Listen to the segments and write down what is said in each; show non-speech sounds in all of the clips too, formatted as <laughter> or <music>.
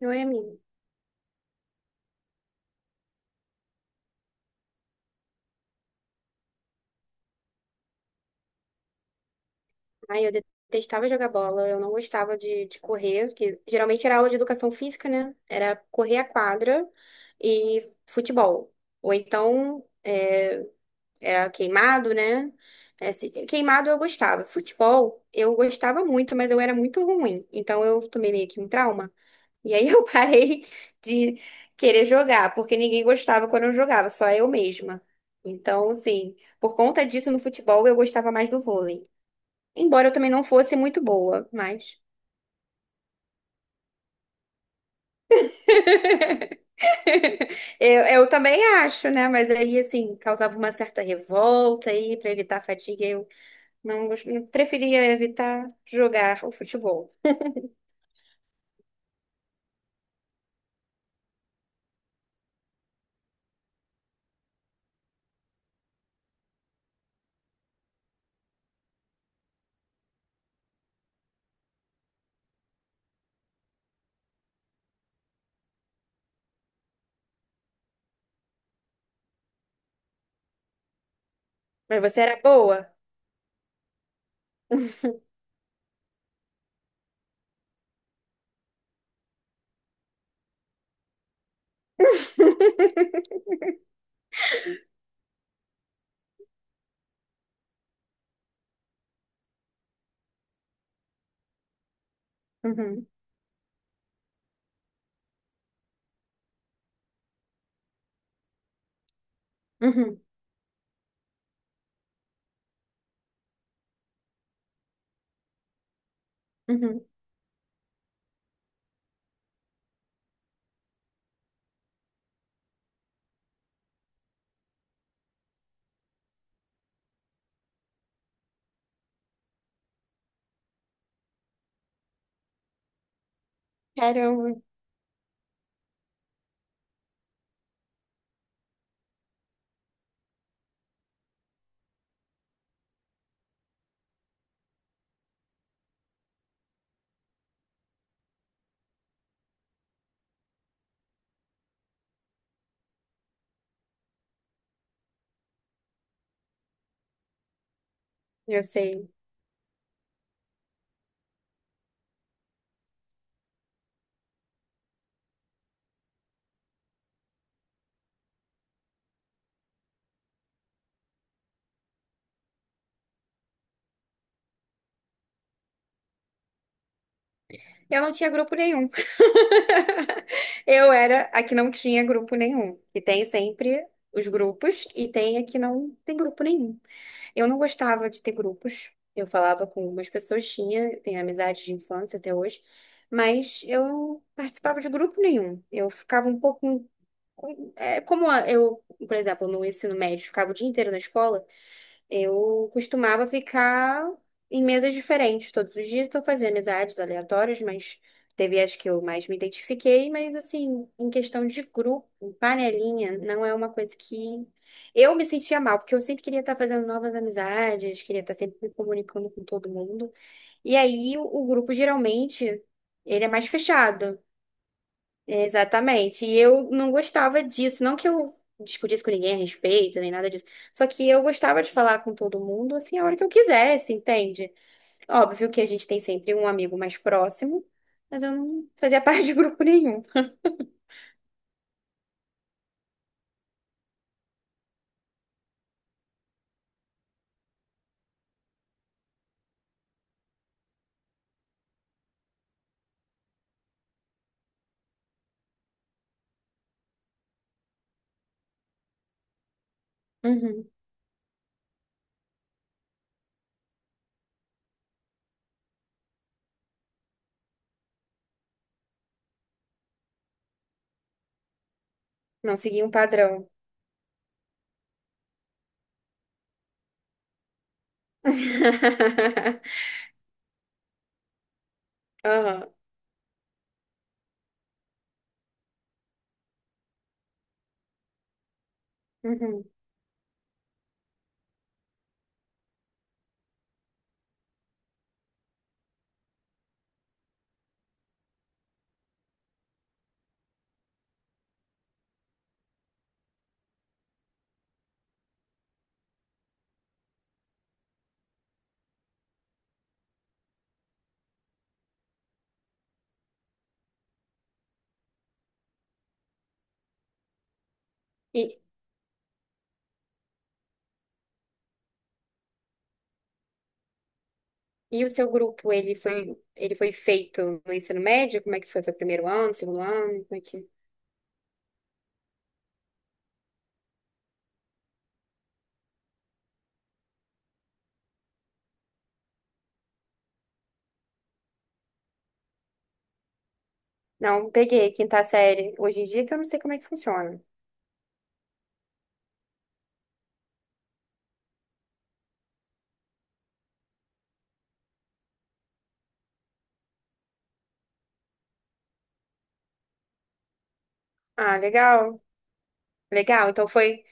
Oi, amigo. Ai, eu detestava jogar bola, eu não gostava de correr, que geralmente era aula de educação física, né? Era correr a quadra e futebol. Ou então era queimado, né? É, queimado eu gostava. Futebol eu gostava muito, mas eu era muito ruim. Então eu tomei meio que um trauma. E aí <laughs> eu parei de querer jogar, porque ninguém gostava quando eu jogava, só eu mesma. Então, assim, por conta disso no futebol eu gostava mais do vôlei. Embora eu também não fosse muito boa, mas. <laughs> Eu também acho, né? Mas aí, assim, causava uma certa revolta aí, para evitar a fadiga, eu não gos- eu preferia evitar jogar o futebol. Mas você era boa? <laughs> Uhum, uhum, uhum. Caramba, eu sei. Eu não tinha grupo nenhum. <laughs> Eu era a que não tinha grupo nenhum. E tem sempre os grupos, e tem a que não tem grupo nenhum. Eu não gostava de ter grupos. Eu falava com algumas pessoas, tinha, tenho amizades de infância até hoje, mas eu não participava de grupo nenhum. Eu ficava um pouco é, como a- eu, por exemplo, no ensino médio ficava o dia inteiro na escola, eu costumava ficar em mesas diferentes todos os dias, então eu fazia amizades aleatórias, mas teve as que eu mais me identifiquei, mas assim, em questão de grupo, panelinha, não é uma coisa que eu me sentia mal, porque eu sempre queria estar fazendo novas amizades, queria estar sempre me comunicando com todo mundo. E aí o grupo geralmente ele é mais fechado. Exatamente. E eu não gostava disso. Não que eu discutisse com ninguém a respeito, nem nada disso. Só que eu gostava de falar com todo mundo, assim, a hora que eu quisesse, entende? Óbvio que a gente tem sempre um amigo mais próximo, mas eu não fazia <laughs> parte de grupo nenhum. Uhum. Não seguia um padrão. <laughs> Aham. Uhum. E, e o seu grupo, ele foi feito no ensino médio? Como é que foi? Foi primeiro ano, segundo ano? Como é que... Não, peguei quinta série. Hoje em dia que eu não sei como é que funciona. Ah, legal. Legal. Então foi.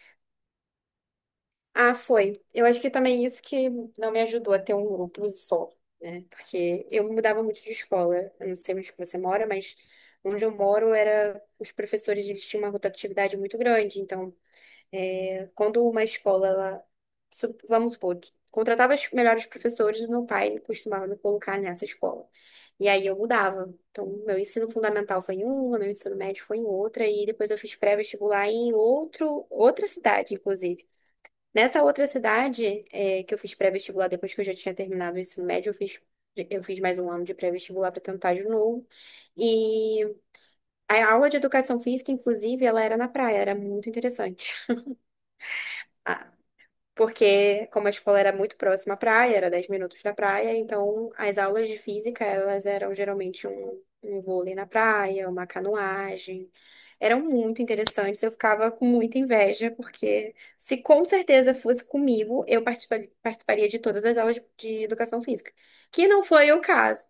Ah, foi. Eu acho que também isso que não me ajudou a ter um grupo só, né? Porque eu mudava muito de escola. Eu não sei onde você mora, mas onde eu moro era os professores eles tinham uma rotatividade muito grande. Então quando uma escola, ela, vamos supor, contratava os melhores professores, meu pai costumava me colocar nessa escola. E aí eu mudava. Então, meu ensino fundamental foi em uma, meu ensino médio foi em outra, e depois eu fiz pré-vestibular em outro, outra cidade, inclusive. Nessa outra cidade, que eu fiz pré-vestibular depois que eu já tinha terminado o ensino médio, eu fiz, mais um ano de pré-vestibular para tentar de novo. E a aula de educação física, inclusive, ela era na praia, era muito interessante. <laughs> Porque como a escola era muito próxima à praia, era 10 minutos da praia, então as aulas de física, elas eram geralmente um vôlei na praia, uma canoagem. Eram muito interessantes, eu ficava com muita inveja, porque se com certeza fosse comigo, eu participaria de todas as aulas de educação física, que não foi o caso.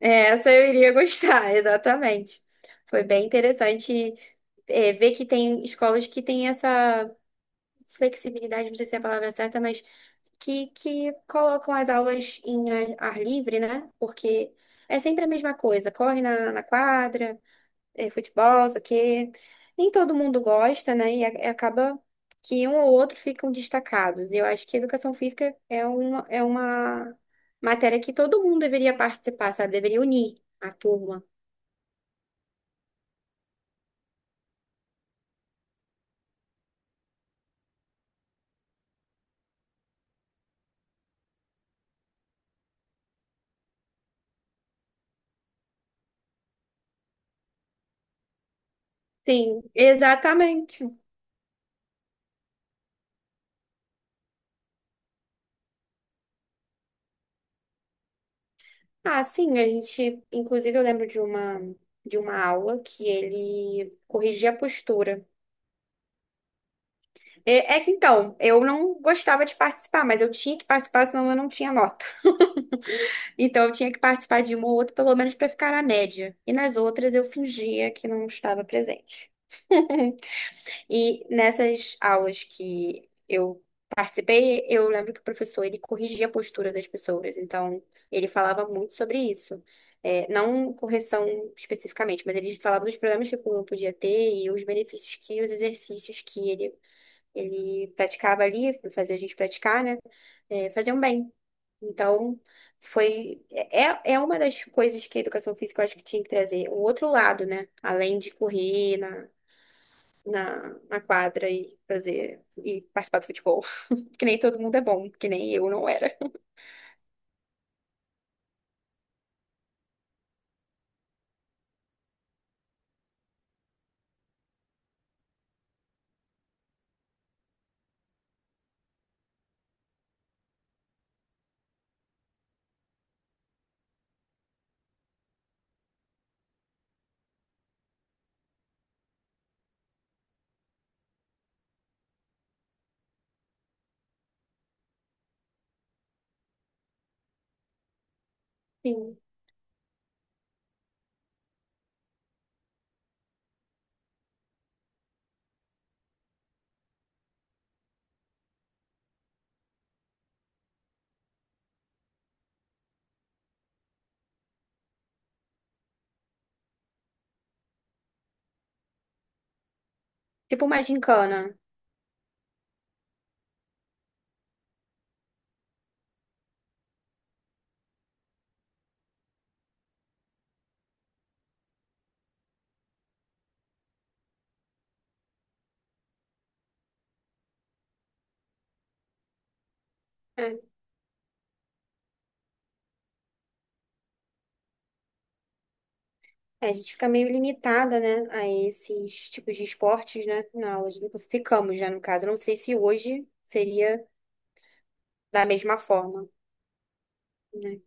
É, essa eu iria gostar, <laughs> exatamente. Foi bem interessante ver que tem escolas que têm essa flexibilidade, não sei se é a palavra certa, mas que colocam as aulas em ar livre, né? Porque é sempre a mesma coisa, corre na quadra, é futebol, isso aqui. Nem todo mundo gosta, né? E acaba que um ou outro ficam destacados. E eu acho que educação física é uma matéria que todo mundo deveria participar, sabe? Deveria unir a turma. Sim, exatamente. Ah, sim, a gente, inclusive eu lembro de uma aula que ele corrigia a postura. É que então, eu não gostava de participar, mas eu tinha que participar, senão eu não tinha nota. <laughs> Então eu tinha que participar de uma ou outra, pelo menos para ficar na média. E nas outras eu fingia que não estava presente. <laughs> E nessas aulas que eu participei, eu lembro que o professor ele corrigia a postura das pessoas. Então ele falava muito sobre isso. É, não correção especificamente, mas ele falava dos problemas que o aluno podia ter e os benefícios que os exercícios que ele praticava ali, fazia a gente praticar, né? É, fazer um bem. Então, foi. É uma das coisas que a educação física eu acho que tinha que trazer. O outro lado, né? Além de correr na, na quadra e fazer. E participar do futebol. <laughs> Que nem todo mundo é bom, que nem eu não era. Sim. Tipo uma gincana. É. A gente fica meio limitada, né, a esses tipos de esportes, né, na aula de educação. Ficamos, né, no caso. Eu não sei se hoje seria da mesma forma, né?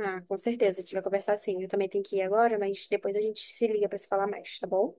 Ah, com certeza, a gente vai conversar sim. Eu também tenho que ir agora, mas depois a gente se liga para se falar mais, tá bom?